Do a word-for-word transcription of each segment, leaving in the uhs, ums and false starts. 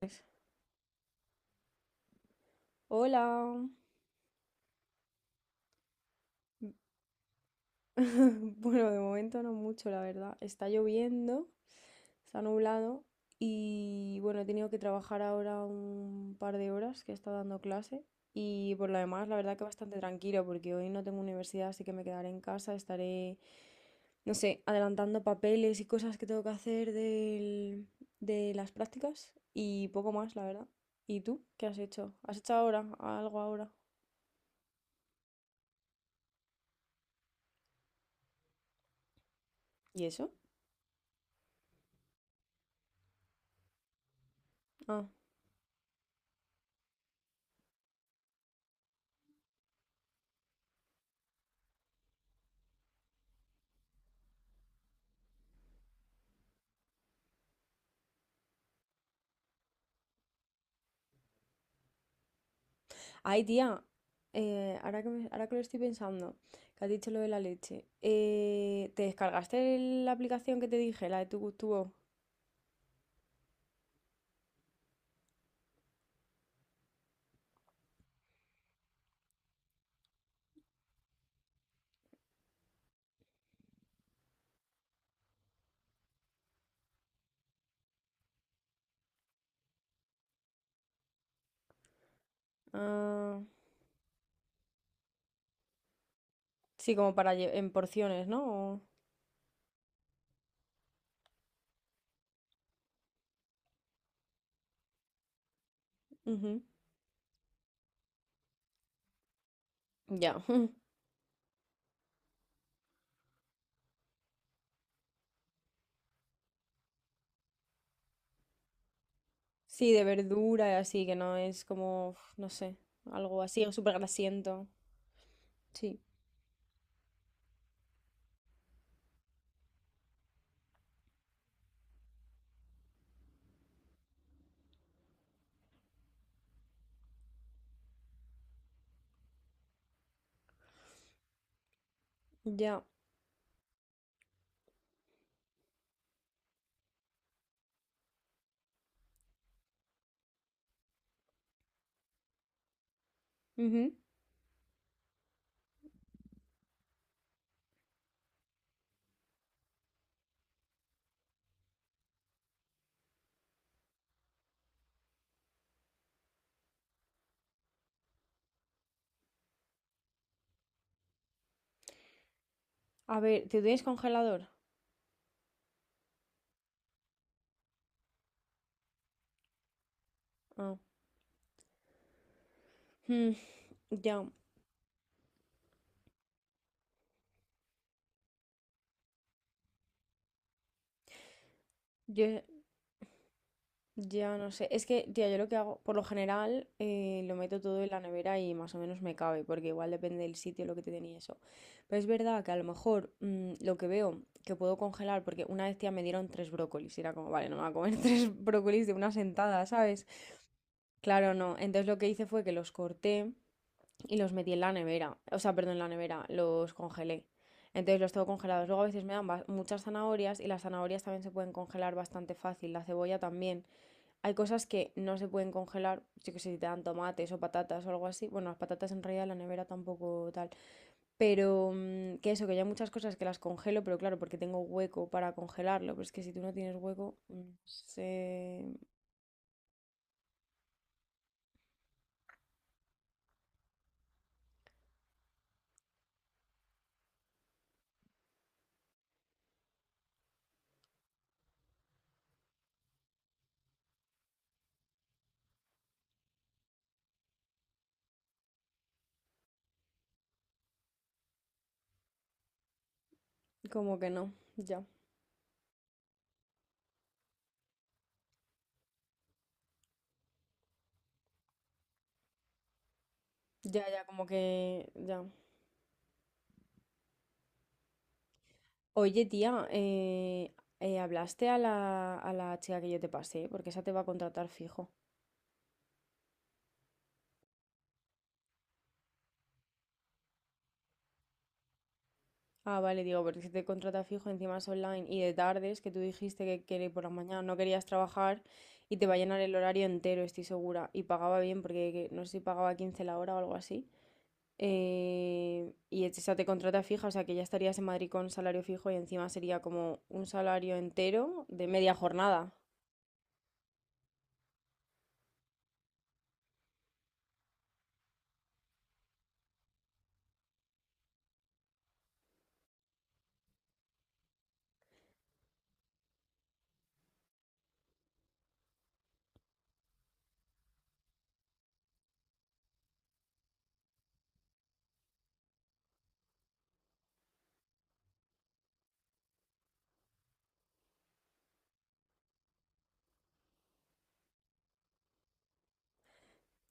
Pues, hola. Bueno, de momento no mucho, la verdad. Está lloviendo, está nublado y bueno, he tenido que trabajar ahora un par de horas que he estado dando clase y por lo demás, la verdad que bastante tranquilo porque hoy no tengo universidad, así que me quedaré en casa, estaré, no sé, adelantando papeles y cosas que tengo que hacer del- de las prácticas y poco más, la verdad. ¿Y tú? ¿Qué has hecho? ¿Has hecho ahora algo ahora? ¿Y eso? Ah. Ay, tía, eh, ahora que me- ahora que lo estoy pensando, que has dicho lo de la leche, eh, ¿te descargaste la aplicación que te dije, la de tu tubo? Ah, sí, como para lle- en porciones, ¿no? O... ujú, ya. Sí, de verdura y así, que no es como, uf, no sé, algo así, o súper grasiento. Sí, ya. Ujú. A ver, ¿te tienes congelador? Ah, mm, ya. Yo, ya no sé, es que, tía, yo lo que hago, por lo general, eh, lo meto todo en la nevera y más o menos me cabe, porque igual depende del sitio, lo que te den eso. Pero es verdad que a lo mejor mm, lo que veo que puedo congelar, porque una vez, tía, me dieron tres brócolis, y era como, vale, no me voy a comer tres brócolis de una sentada, ¿sabes? Claro, no. Entonces lo que hice fue que los corté y los metí en la nevera, o sea, perdón, en la nevera, los congelé. Entonces los tengo congelados. Luego a veces me dan ba- muchas zanahorias y las zanahorias también se pueden congelar bastante fácil, la cebolla también. Hay cosas que no se pueden congelar, yo que sé, si te dan tomates o patatas o algo así. Bueno, las patatas en realidad en la nevera tampoco tal. Pero mm, que eso, que yo hay muchas cosas que las congelo, pero claro, porque tengo hueco para congelarlo. Pero es que si tú no tienes hueco, mm, se... Como que no, ya. Ya, ya, como que ya. Oye, tía, eh, eh, ¿hablaste a la, a la chica que yo te pasé? Porque esa te va a contratar fijo. Ah, vale, digo, porque si te contrata fijo, encima es online y de tardes, que tú dijiste que, que por la mañana no querías trabajar y te va a llenar el horario entero, estoy segura. Y pagaba bien, porque que- no sé si pagaba quince la hora o algo así. Eh, y esa te contrata fija, o sea que ya estarías en Madrid con salario fijo y encima sería como un salario entero de media jornada.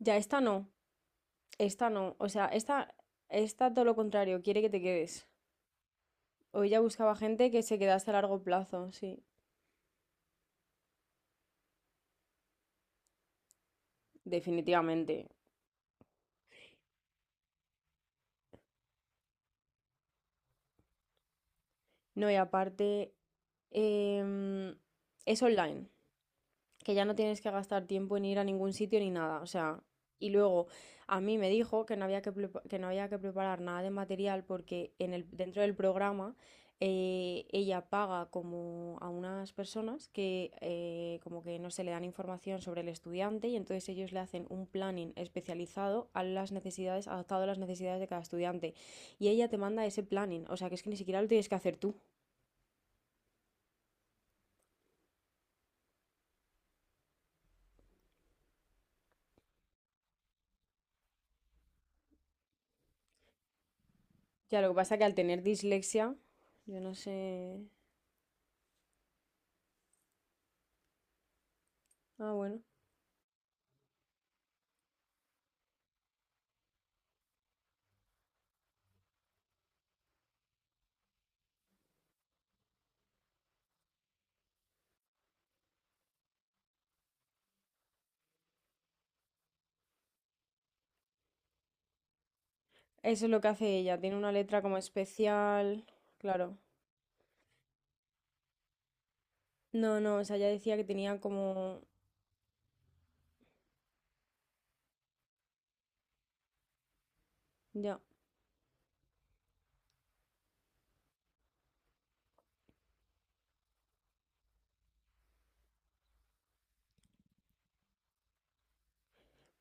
Ya, esta no, esta no, o sea, esta, esta todo lo contrario, quiere que te quedes. Hoy ya buscaba gente que se quedase a largo plazo, sí, definitivamente. No, y aparte em, es online, que ya no tienes que gastar tiempo en ir a ningún sitio ni nada. O sea, y luego a mí me dijo que no había que, prepa- que no había que preparar nada de material porque en el, dentro del programa eh, ella paga como a unas personas que eh, como que no se le dan información sobre el estudiante y entonces ellos le hacen un planning especializado a las necesidades, adaptado a las necesidades de cada estudiante. Y ella te manda ese planning, o sea que es que ni siquiera lo tienes que hacer tú. Ya, lo que pasa es que al tener dislexia, yo no sé. Ah, bueno. Eso es lo que hace ella, tiene una letra como especial, claro. No, no, o sea, ella decía que tenía como ya,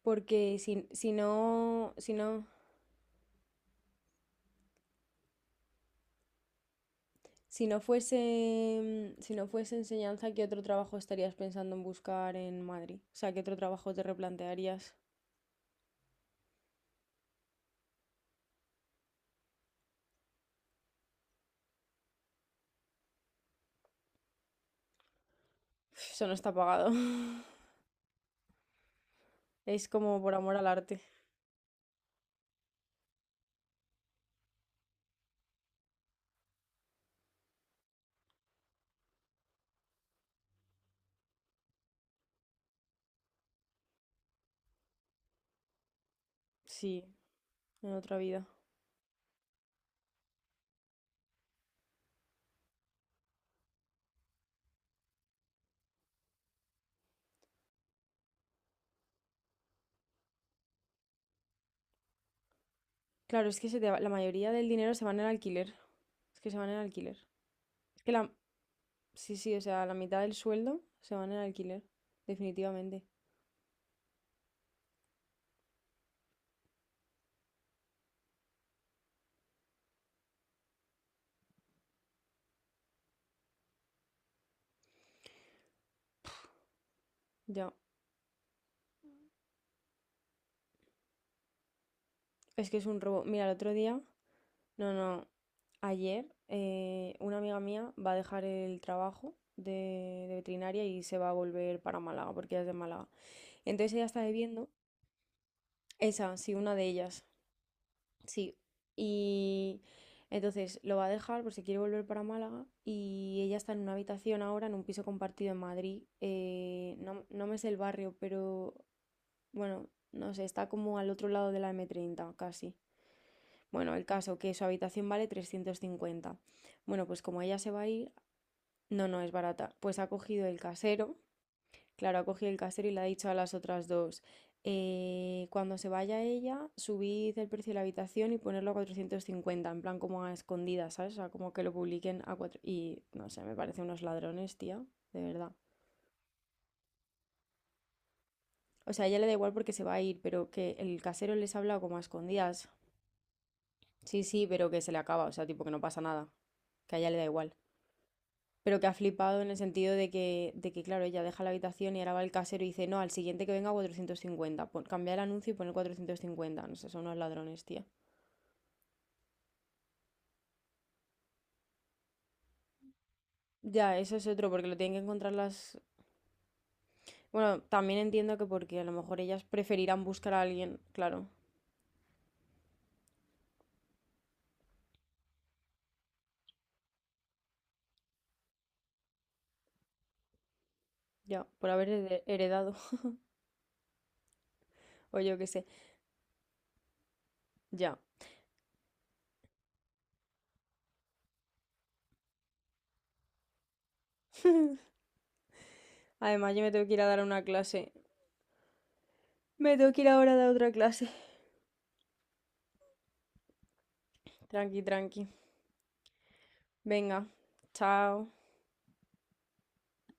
porque si, si no, si no, si no fuese, mm, si no fuese enseñanza, ¿qué otro trabajo estarías pensando en buscar en Madrid? O sea, ¿qué otro trabajo te replantearías? Eso no está pagado. Es como por amor al arte. Sí, en otra vida. Claro, es que se te va- la mayoría del dinero se va en el alquiler. Es que se van en el alquiler. Es que la... Sí, sí, o sea, la mitad del sueldo se va en el alquiler. Definitivamente. Ya. Es que es un robo. Mira, el otro día... No, no. Ayer eh, una amiga mía va a dejar el trabajo de, de veterinaria y se va a volver para Málaga, porque ella es de Málaga. Entonces ella está debiendo... Esa, sí, una de ellas. Sí, y entonces lo va a dejar por si quiere volver para Málaga y ella está en una habitación ahora, en un piso compartido en Madrid. Eh, no, no me sé el barrio, pero bueno, no sé, está como al otro lado de la m treinta casi. Bueno, el caso que su habitación vale trescientos cincuenta. Bueno, pues como ella se va a ir, no, no es barata. Pues ha cogido el casero. Claro, ha cogido el casero y le ha dicho a las otras dos, "Eh, cuando se vaya ella, subid el precio de la habitación y ponerlo a cuatrocientos cincuenta en plan como a escondidas, ¿sabes? O sea, como que lo publiquen a cuatro". Y no sé, me parece unos ladrones, tía, de verdad. O sea, a ella le da igual porque se va a ir, pero que el casero les ha hablado como a escondidas. Sí, sí, pero que se le acaba, o sea, tipo que no pasa nada, que a ella le da igual. Pero que ha flipado en el sentido de que, de que, claro, ella deja la habitación y ahora va el casero y dice, no, al siguiente que venga cuatrocientos cincuenta, pon, cambia el anuncio y pon cuatrocientos cincuenta. No sé, son unos ladrones, tía. Ya, eso es otro, porque lo tienen que encontrar las... Bueno, también entiendo que porque a lo mejor ellas preferirán buscar a alguien, claro, ya, por haber heredado, o yo qué sé, ya. Además, yo me tengo que ir a dar una clase. Me tengo que ir ahora a dar otra clase. Tranqui, tranqui. Venga, chao.